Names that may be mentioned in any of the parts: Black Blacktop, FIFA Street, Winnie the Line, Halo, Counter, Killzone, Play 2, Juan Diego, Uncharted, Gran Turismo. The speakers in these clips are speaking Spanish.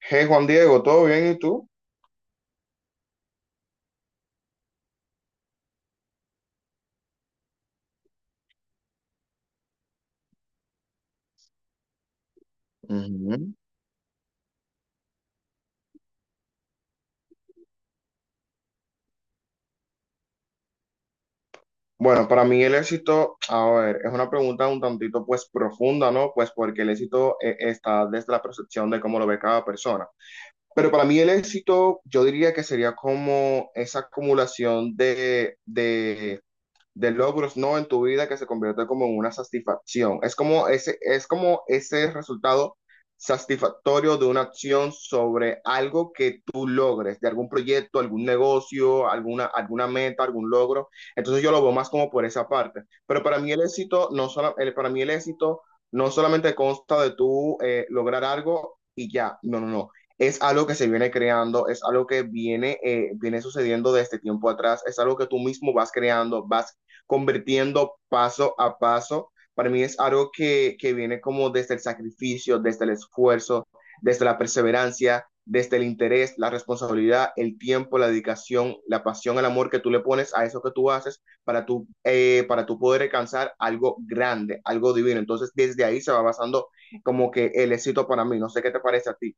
Hey Juan Diego, ¿todo bien? ¿Y tú? Ujú. Bueno, para mí el éxito, a ver, es una pregunta un tantito pues profunda, ¿no? Pues porque el éxito está desde la percepción de cómo lo ve cada persona. Pero para mí el éxito, yo diría que sería como esa acumulación de logros, ¿no? En tu vida que se convierte como en una satisfacción. Es como ese resultado satisfactorio de una acción sobre algo que tú logres, de algún proyecto, algún negocio, alguna, alguna meta, algún logro. Entonces yo lo veo más como por esa parte. Pero para mí el éxito no solo, el, para mí el éxito no solamente consta de tú lograr algo y ya, no, no, no. Es algo que se viene creando, es algo que viene, viene sucediendo desde tiempo atrás, es algo que tú mismo vas creando, vas convirtiendo paso a paso. Para mí es algo que viene como desde el sacrificio, desde el esfuerzo, desde la perseverancia, desde el interés, la responsabilidad, el tiempo, la dedicación, la pasión, el amor que tú le pones a eso que tú haces para tú poder alcanzar algo grande, algo divino. Entonces, desde ahí se va basando como que el éxito para mí. No sé qué te parece a ti.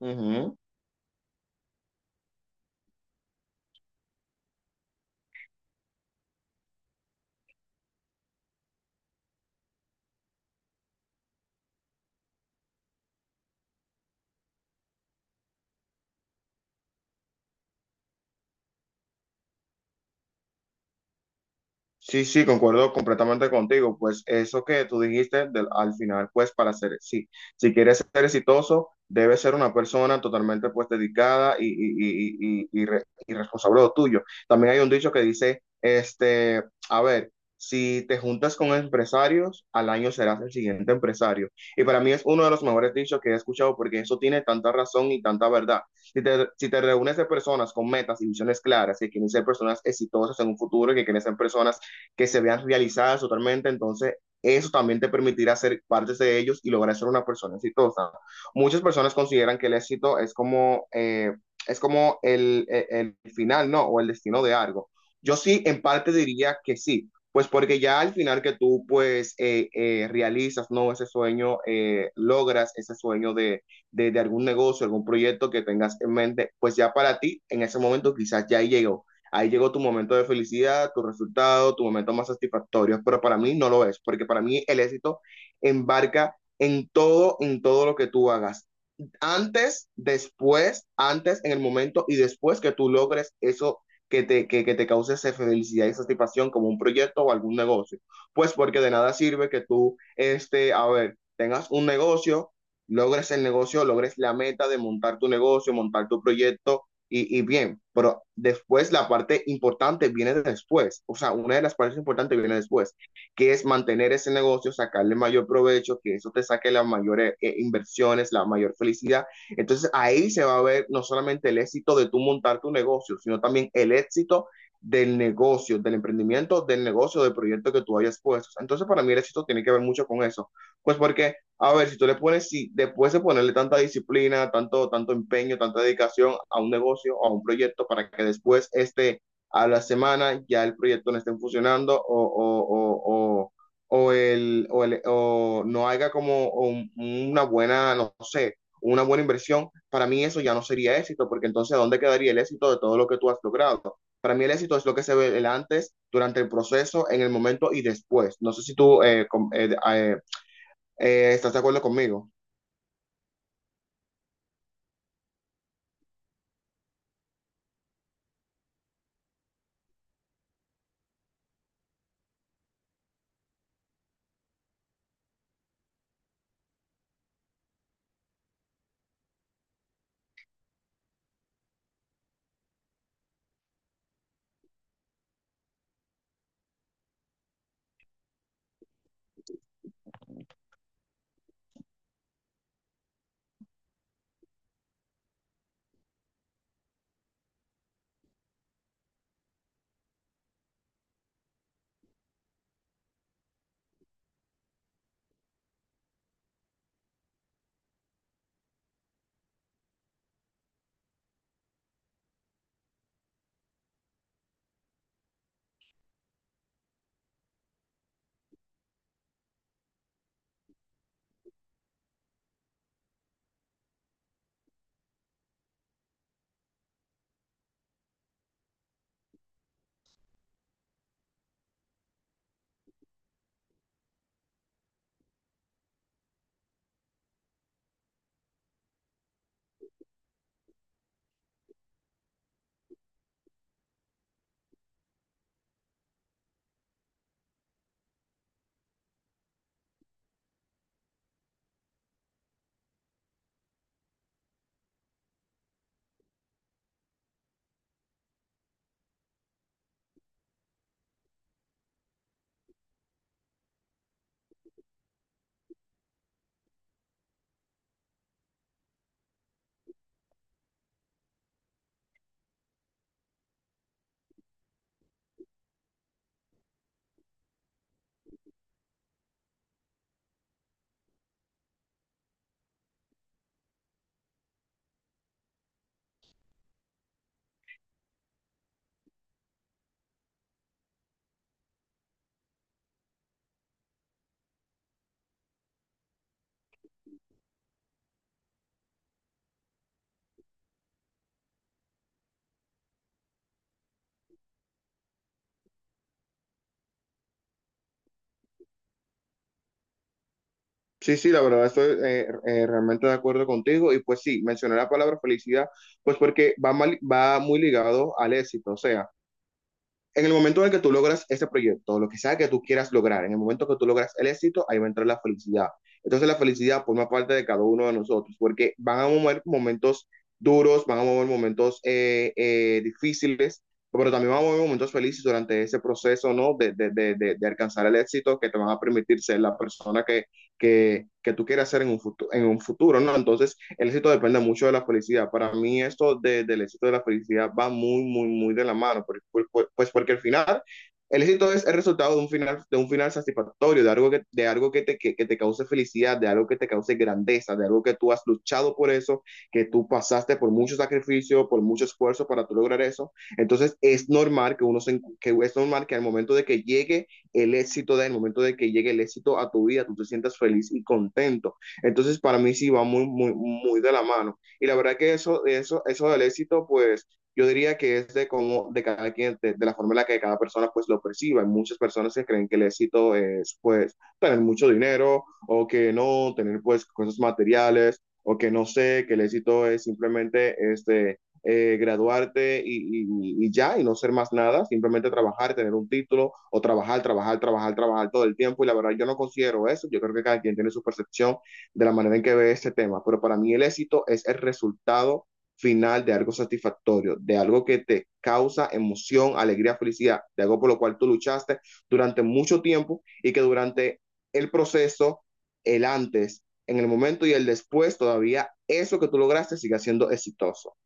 Uh -huh. Sí, sí, concuerdo completamente contigo. Pues eso que tú dijiste al final, pues para ser, sí, si quieres ser exitoso, debes ser una persona totalmente pues dedicada y responsable de lo tuyo. También hay un dicho que dice, este, a ver, si te juntas con empresarios, al año serás el siguiente empresario. Y para mí es uno de los mejores dichos que he escuchado porque eso tiene tanta razón y tanta verdad. Si te reúnes de personas con metas y visiones claras que quieren ser personas exitosas en un futuro, que quieren ser personas que se vean realizadas totalmente, entonces eso también te permitirá ser parte de ellos y lograr ser una persona exitosa. Muchas personas consideran que el éxito es como el final, ¿no? O el destino de algo. Yo sí, en parte diría que sí, pues porque ya al final que tú pues realizas, ¿no? Ese sueño, logras ese sueño de algún negocio, algún proyecto que tengas en mente, pues ya para ti en ese momento quizás ya llegó ahí llegó tu momento de felicidad, tu resultado, tu momento más satisfactorio, pero para mí no lo es, porque para mí el éxito embarca en todo lo que tú hagas, antes, después, antes, en el momento y después que tú logres eso que te cause esa felicidad y satisfacción como un proyecto o algún negocio. Pues porque de nada sirve que tú, este, a ver, tengas un negocio, logres el negocio, logres la meta de montar tu negocio, montar tu proyecto y bien, pero después la parte importante viene después, o sea, una de las partes importantes viene después que es mantener ese negocio, sacarle mayor provecho, que eso te saque las mayores inversiones, la mayor felicidad. Entonces ahí se va a ver no solamente el éxito de tú montar tu negocio, sino también el éxito del negocio, del emprendimiento, del negocio, del proyecto que tú hayas puesto. Entonces, para mí el éxito tiene que ver mucho con eso. Pues porque, a ver, si tú le pones, si después de ponerle tanta disciplina, tanto, tanto empeño, tanta dedicación a un negocio, a un proyecto, para que después este a la semana ya el proyecto no esté funcionando o el, o, el, o no haga como una buena, no sé, una buena inversión, para mí eso ya no sería éxito, porque entonces ¿dónde quedaría el éxito de todo lo que tú has logrado? Para mí el éxito es lo que se ve el antes, durante el proceso, en el momento y después. No sé si tú eh, eh, estás de acuerdo conmigo. Sí, sí, la verdad estoy realmente de acuerdo contigo y pues sí, mencioné la palabra felicidad pues porque va, va muy ligado al éxito, o sea, en el momento en el que tú logras ese proyecto, lo que sea que tú quieras lograr, en el momento que tú logras el éxito, ahí va a entrar la felicidad. Entonces la felicidad forma parte de cada uno de nosotros, porque van a mover momentos duros, van a mover momentos difíciles, pero también van a mover momentos felices durante ese proceso, ¿no? De alcanzar el éxito que te van a permitir ser la persona que tú quieras ser en un futuro, ¿no? Entonces, el éxito depende mucho de la felicidad. Para mí esto de, del éxito de la felicidad va muy, muy, muy de la mano, pues porque al final el éxito es el resultado de un final satisfactorio, de algo que te cause felicidad, de algo que te cause grandeza, de algo que tú has luchado por eso, que tú pasaste por mucho sacrificio, por mucho esfuerzo para tú lograr eso. Entonces es normal que uno se, que es normal que al momento de que llegue el éxito, del momento de que llegue el éxito a tu vida, tú te sientas feliz y contento. Entonces, para mí sí va muy, muy, muy de la mano. Y la verdad que eso del éxito, pues yo diría que es de cómo, de cada quien, de la forma en la que cada persona pues lo perciba. Hay muchas personas que creen que el éxito es pues tener mucho dinero o que no, tener pues cosas materiales o que no sé, que el éxito es simplemente este, graduarte y ya, y no ser más nada, simplemente trabajar, tener un título o trabajar, trabajar, trabajar, trabajar todo el tiempo. Y la verdad, yo no considero eso. Yo creo que cada quien tiene su percepción de la manera en que ve este tema, pero para mí el éxito es el resultado final de algo satisfactorio, de algo que te causa emoción, alegría, felicidad, de algo por lo cual tú luchaste durante mucho tiempo y que durante el proceso, el antes, en el momento y el después, todavía eso que tú lograste siga siendo exitoso.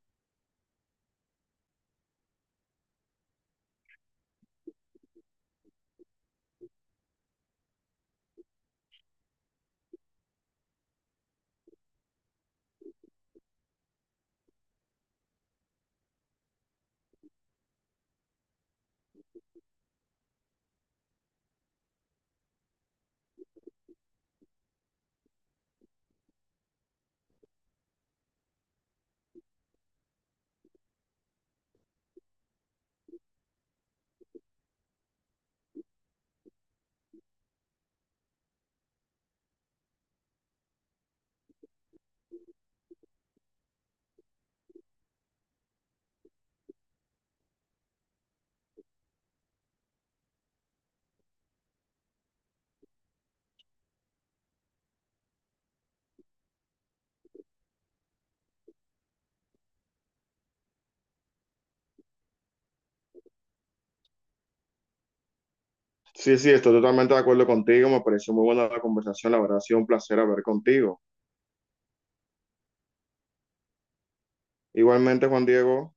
Sí, sí, estoy totalmente de acuerdo contigo, me pareció muy buena la conversación, la verdad ha sido un placer hablar contigo. Igualmente, Juan Diego.